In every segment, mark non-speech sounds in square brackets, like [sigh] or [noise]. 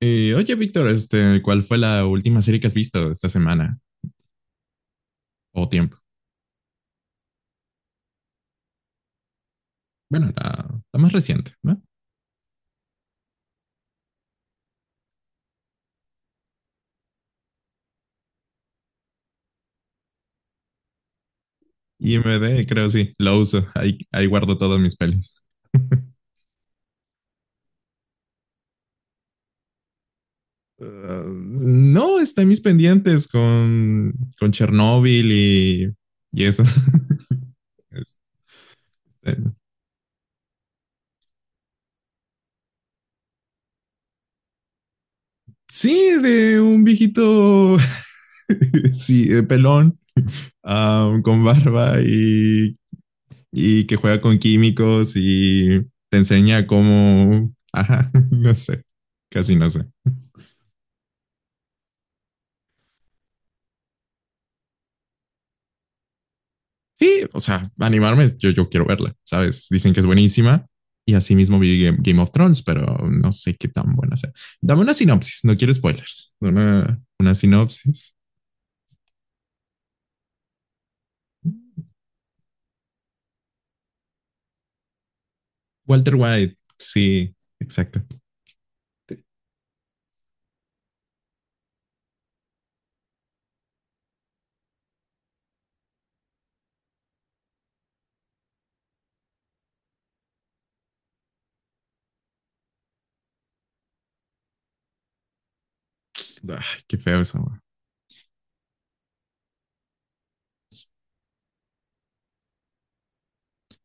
Oye, Víctor, ¿cuál fue la última serie que has visto esta semana o tiempo? Bueno, la más reciente, ¿no? IMD, creo sí, lo uso. Ahí guardo todas mis pelis. No, está en mis pendientes con Chernobyl y eso. [laughs] Este, sí, de un viejito, [laughs] sí, pelón, con barba y que juega con químicos y te enseña cómo, [laughs] ajá, no sé, casi no sé. Sí, o sea, animarme, yo quiero verla, ¿sabes? Dicen que es buenísima y así mismo vi Game of Thrones, pero no sé qué tan buena sea. Dame una sinopsis, no quiero spoilers. Una sinopsis. Walter White, sí, exacto. Te- Ay, qué feo esa, weá.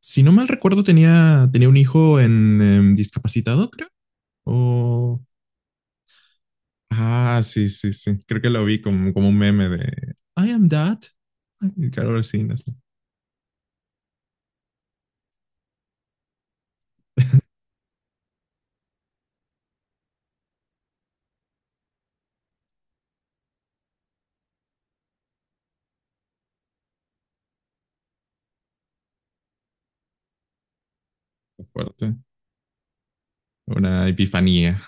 Si no mal recuerdo, tenía un hijo en, discapacitado, creo. O. Ah, sí, sí, sí. Creo que lo vi como un meme de I am that. Ay, claro, ahora sí, no sé. Qué fuerte. Una epifanía.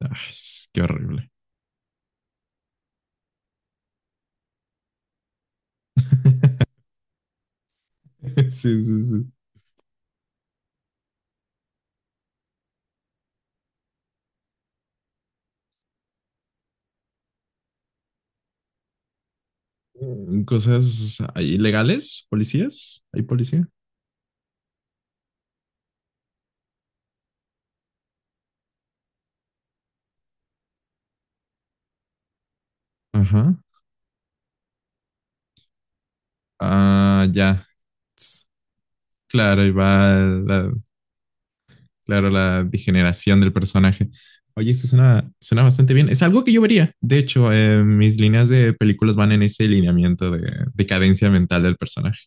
Ay, qué horrible. [laughs] Sí, sí, sí. Cosas ahí ilegales, policías, hay policía. Ajá. Ah, ya. Tss, claro, y va la, claro, la degeneración del personaje. Oye, eso suena, suena bastante bien. Es algo que yo vería. De hecho, mis líneas de películas van en ese lineamiento de decadencia mental del personaje.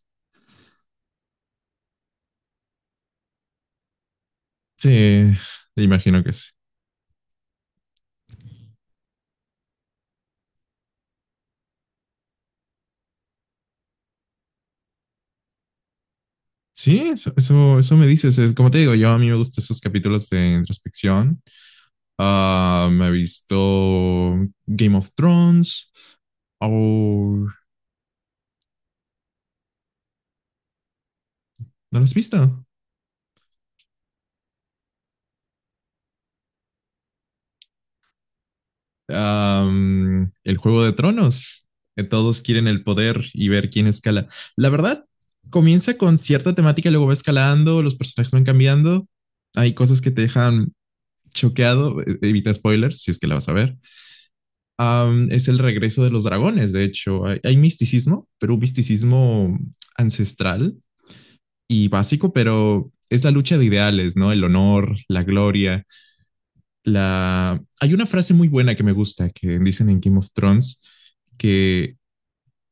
Sí, imagino que sí. Sí, eso me dices. Como te digo, yo a mí me gustan esos capítulos de introspección. Ah, me he visto Game of Thrones. Oh, ¿no lo has visto? El Juego de Tronos. Que todos quieren el poder y ver quién escala. La verdad, comienza con cierta temática, luego va escalando, los personajes van cambiando. Hay cosas que te dejan choqueado. Evita spoilers si es que la vas a ver. Es el regreso de los dragones, de hecho. Hay misticismo, pero un misticismo ancestral y básico, pero es la lucha de ideales, ¿no? El honor, la gloria Hay una frase muy buena que me gusta, que dicen en Game of Thrones, que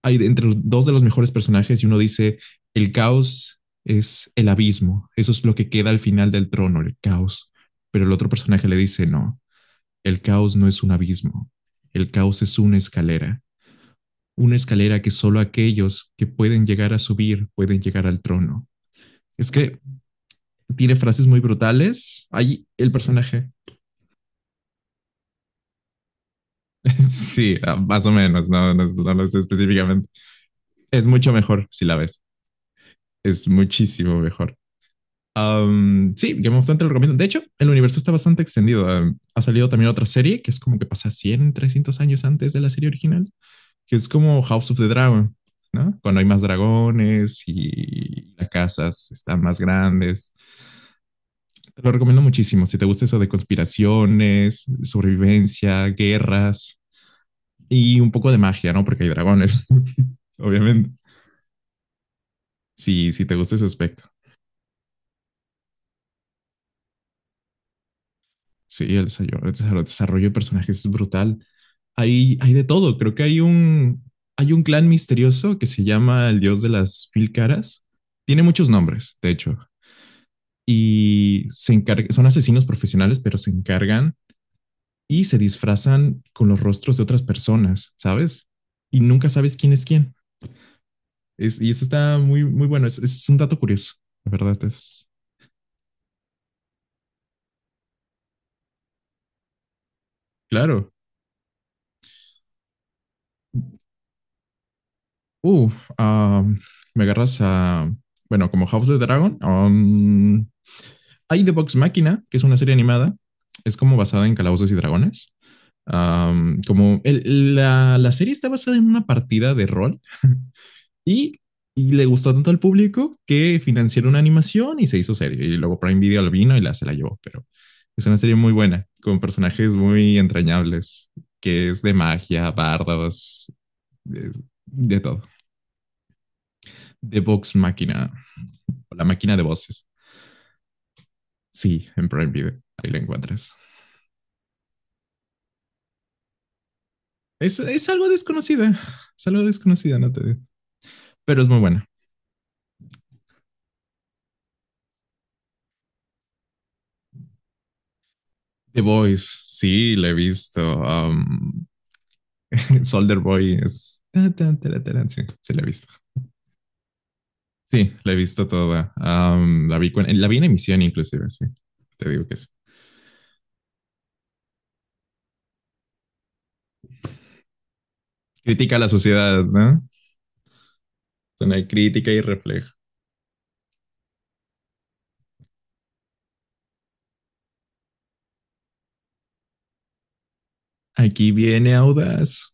hay entre los dos de los mejores personajes y uno dice, el caos es el abismo, eso es lo que queda al final del trono, el caos. Pero el otro personaje le dice, no, el caos no es un abismo, el caos es una escalera que solo aquellos que pueden llegar a subir pueden llegar al trono. Es que tiene frases muy brutales. Ahí el personaje. Sí, más o menos, no, no, no lo sé específicamente. Es mucho mejor si la ves, es muchísimo mejor. Sí, Game of Thrones te lo recomiendo. De hecho, el universo está bastante extendido. Ha salido también otra serie que es como que pasa 100, 300 años antes de la serie original, que es como House of the Dragon, ¿no? Cuando hay más dragones y las casas están más grandes. Te lo recomiendo muchísimo. Si te gusta eso de conspiraciones, sobrevivencia, guerras, y un poco de magia, ¿no? Porque hay dragones, [laughs] obviamente. Si, si te gusta ese aspecto. Sí, el desarrollo de personajes es brutal. Hay de todo. Creo que hay un clan misterioso que se llama el dios de las mil caras. Tiene muchos nombres, de hecho. Y se encarga, son asesinos profesionales, pero se encargan y se disfrazan con los rostros de otras personas, ¿sabes? Y nunca sabes quién es quién. Y eso está muy, muy bueno. Es un dato curioso, la verdad. Es claro. Uh, ah, Me agarras a, bueno, como House of the Dragon. Hay The Box Máquina, que es una serie animada. Es como basada en Calabozos y Dragones. Como la serie está basada en una partida de rol y, y le gustó tanto al público que financiaron una animación y se hizo serie. Y luego Prime Video lo vino y se la llevó. Pero es una serie muy buena, con personajes muy entrañables, que es de magia, bardos, de, de todo. The Box Máquina. O la máquina de voces. Sí, en Prime Video. Ahí la encuentras. Es algo desconocida. Es algo desconocida, no te digo. Pero es muy buena. The Voice, sí, la he visto. [laughs] Solder Boy es. Sí, sí, la he visto. Sí, la he visto toda. Um, la, vi, con- la vi en emisión, inclusive, sí. Te digo que sí. Crítica a la sociedad, ¿no? Es una crítica y reflejo. Aquí viene Audaz.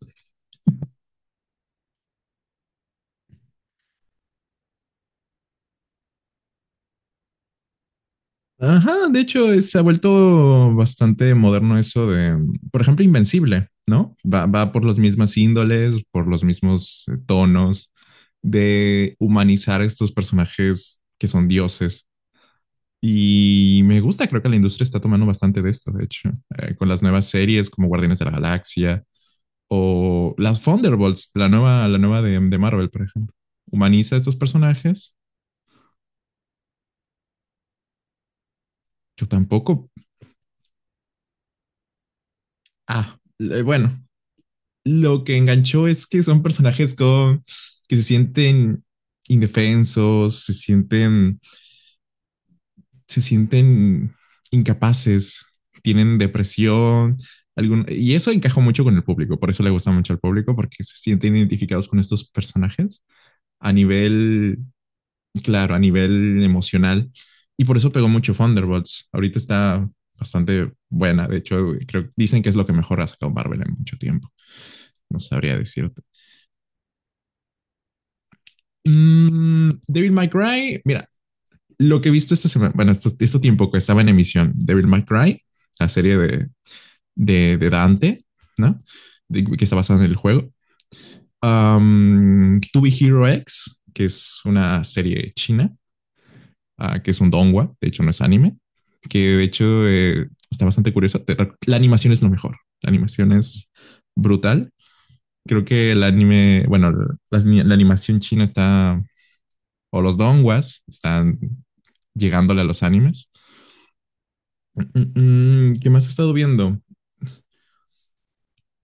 Ajá, de hecho, se ha vuelto bastante moderno eso de, por ejemplo, Invencible, ¿no? Va por las mismas índoles, por los mismos tonos, de humanizar a estos personajes que son dioses. Y me gusta, creo que la industria está tomando bastante de esto, de hecho, con las nuevas series como Guardianes de la Galaxia o las Thunderbolts, la nueva de Marvel, por ejemplo. Humaniza a estos personajes. Yo tampoco. Ah, bueno, lo que enganchó es que son personajes con, que se sienten indefensos, se sienten incapaces, tienen depresión, y eso encajó mucho con el público, por eso le gusta mucho al público, porque se sienten identificados con estos personajes a nivel, claro, a nivel emocional, y por eso pegó mucho Thunderbolts. Ahorita está bastante buena, de hecho, creo, dicen que es lo que mejor ha sacado Marvel en mucho tiempo, no sabría decirte. Devil May Cry, mira, lo que he visto esta semana, bueno, este tiempo que estaba en emisión, Devil May Cry, la serie de Dante, ¿no? Que está basada en el juego. Tubi Hero X, que es una serie china, que es un donghua, de hecho no es anime, que de hecho está bastante curiosa. La animación es lo mejor, la animación es brutal. Creo que el anime, bueno, la animación china está, o los donghuas están llegándole a los animes. ¿Qué más he estado viendo?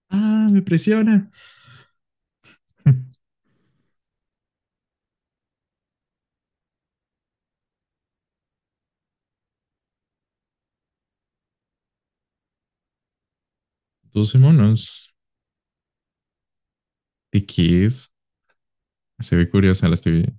Ah, me presiona. [laughs] 12 monos. ¿Y qué es? Se ve curiosa la estoy viendo.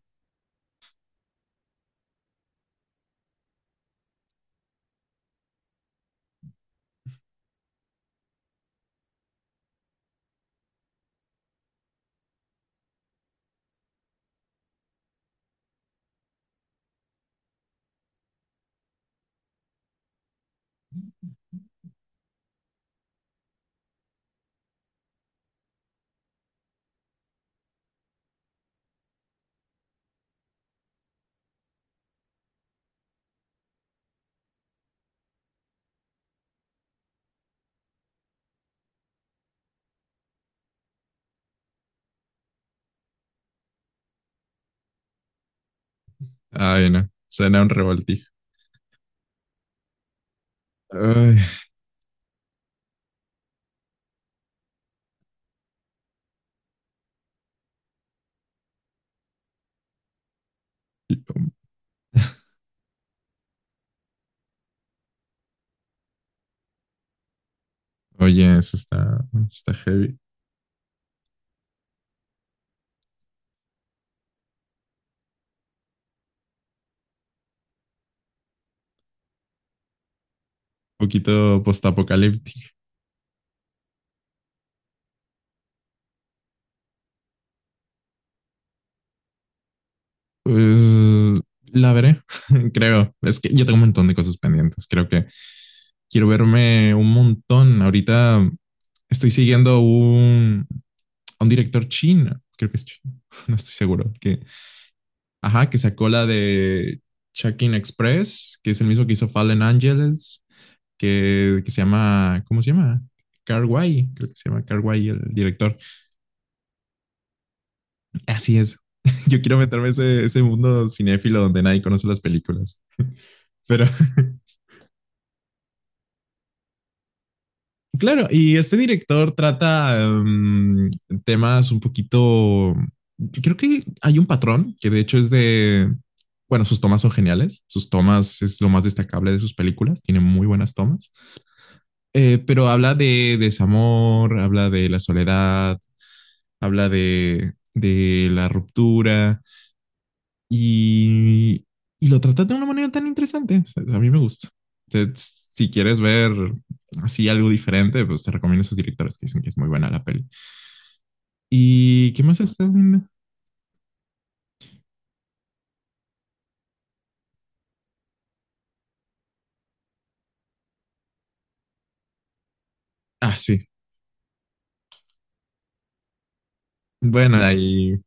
Ay, no. Suena un revoltijo. Ay, oye, eso está heavy. Un poquito postapocalíptico. Pues la veré, [laughs] creo. Es que yo tengo un montón de cosas pendientes. Creo que quiero verme un montón. Ahorita estoy siguiendo un director chino. Creo que es chino. [laughs] No estoy seguro. Que Ajá, que sacó la de Check-in Express, que es el mismo que hizo Fallen Angels, que se llama, ¿cómo se llama? Carguay, creo que se llama Carguay el director. Así es. [laughs] Yo quiero meterme ese mundo cinéfilo donde nadie conoce las películas. Pero [laughs] claro, y este director trata temas un poquito. Creo que hay un patrón que de hecho es de. Bueno, sus tomas son geniales. Sus tomas es lo más destacable de sus películas. Tiene muy buenas tomas. Pero habla de desamor, habla de la soledad, habla de la ruptura y, y lo trata de una manera tan interesante. O sea, a mí me gusta. Si quieres ver así algo diferente, pues te recomiendo esos directores que dicen que es muy buena la peli. ¿Y qué más estás viendo? Ah, sí. Bueno, ahí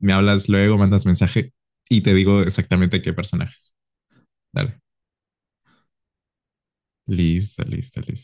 me hablas luego, mandas mensaje y te digo exactamente qué personajes. Dale. Listo, listo, listo.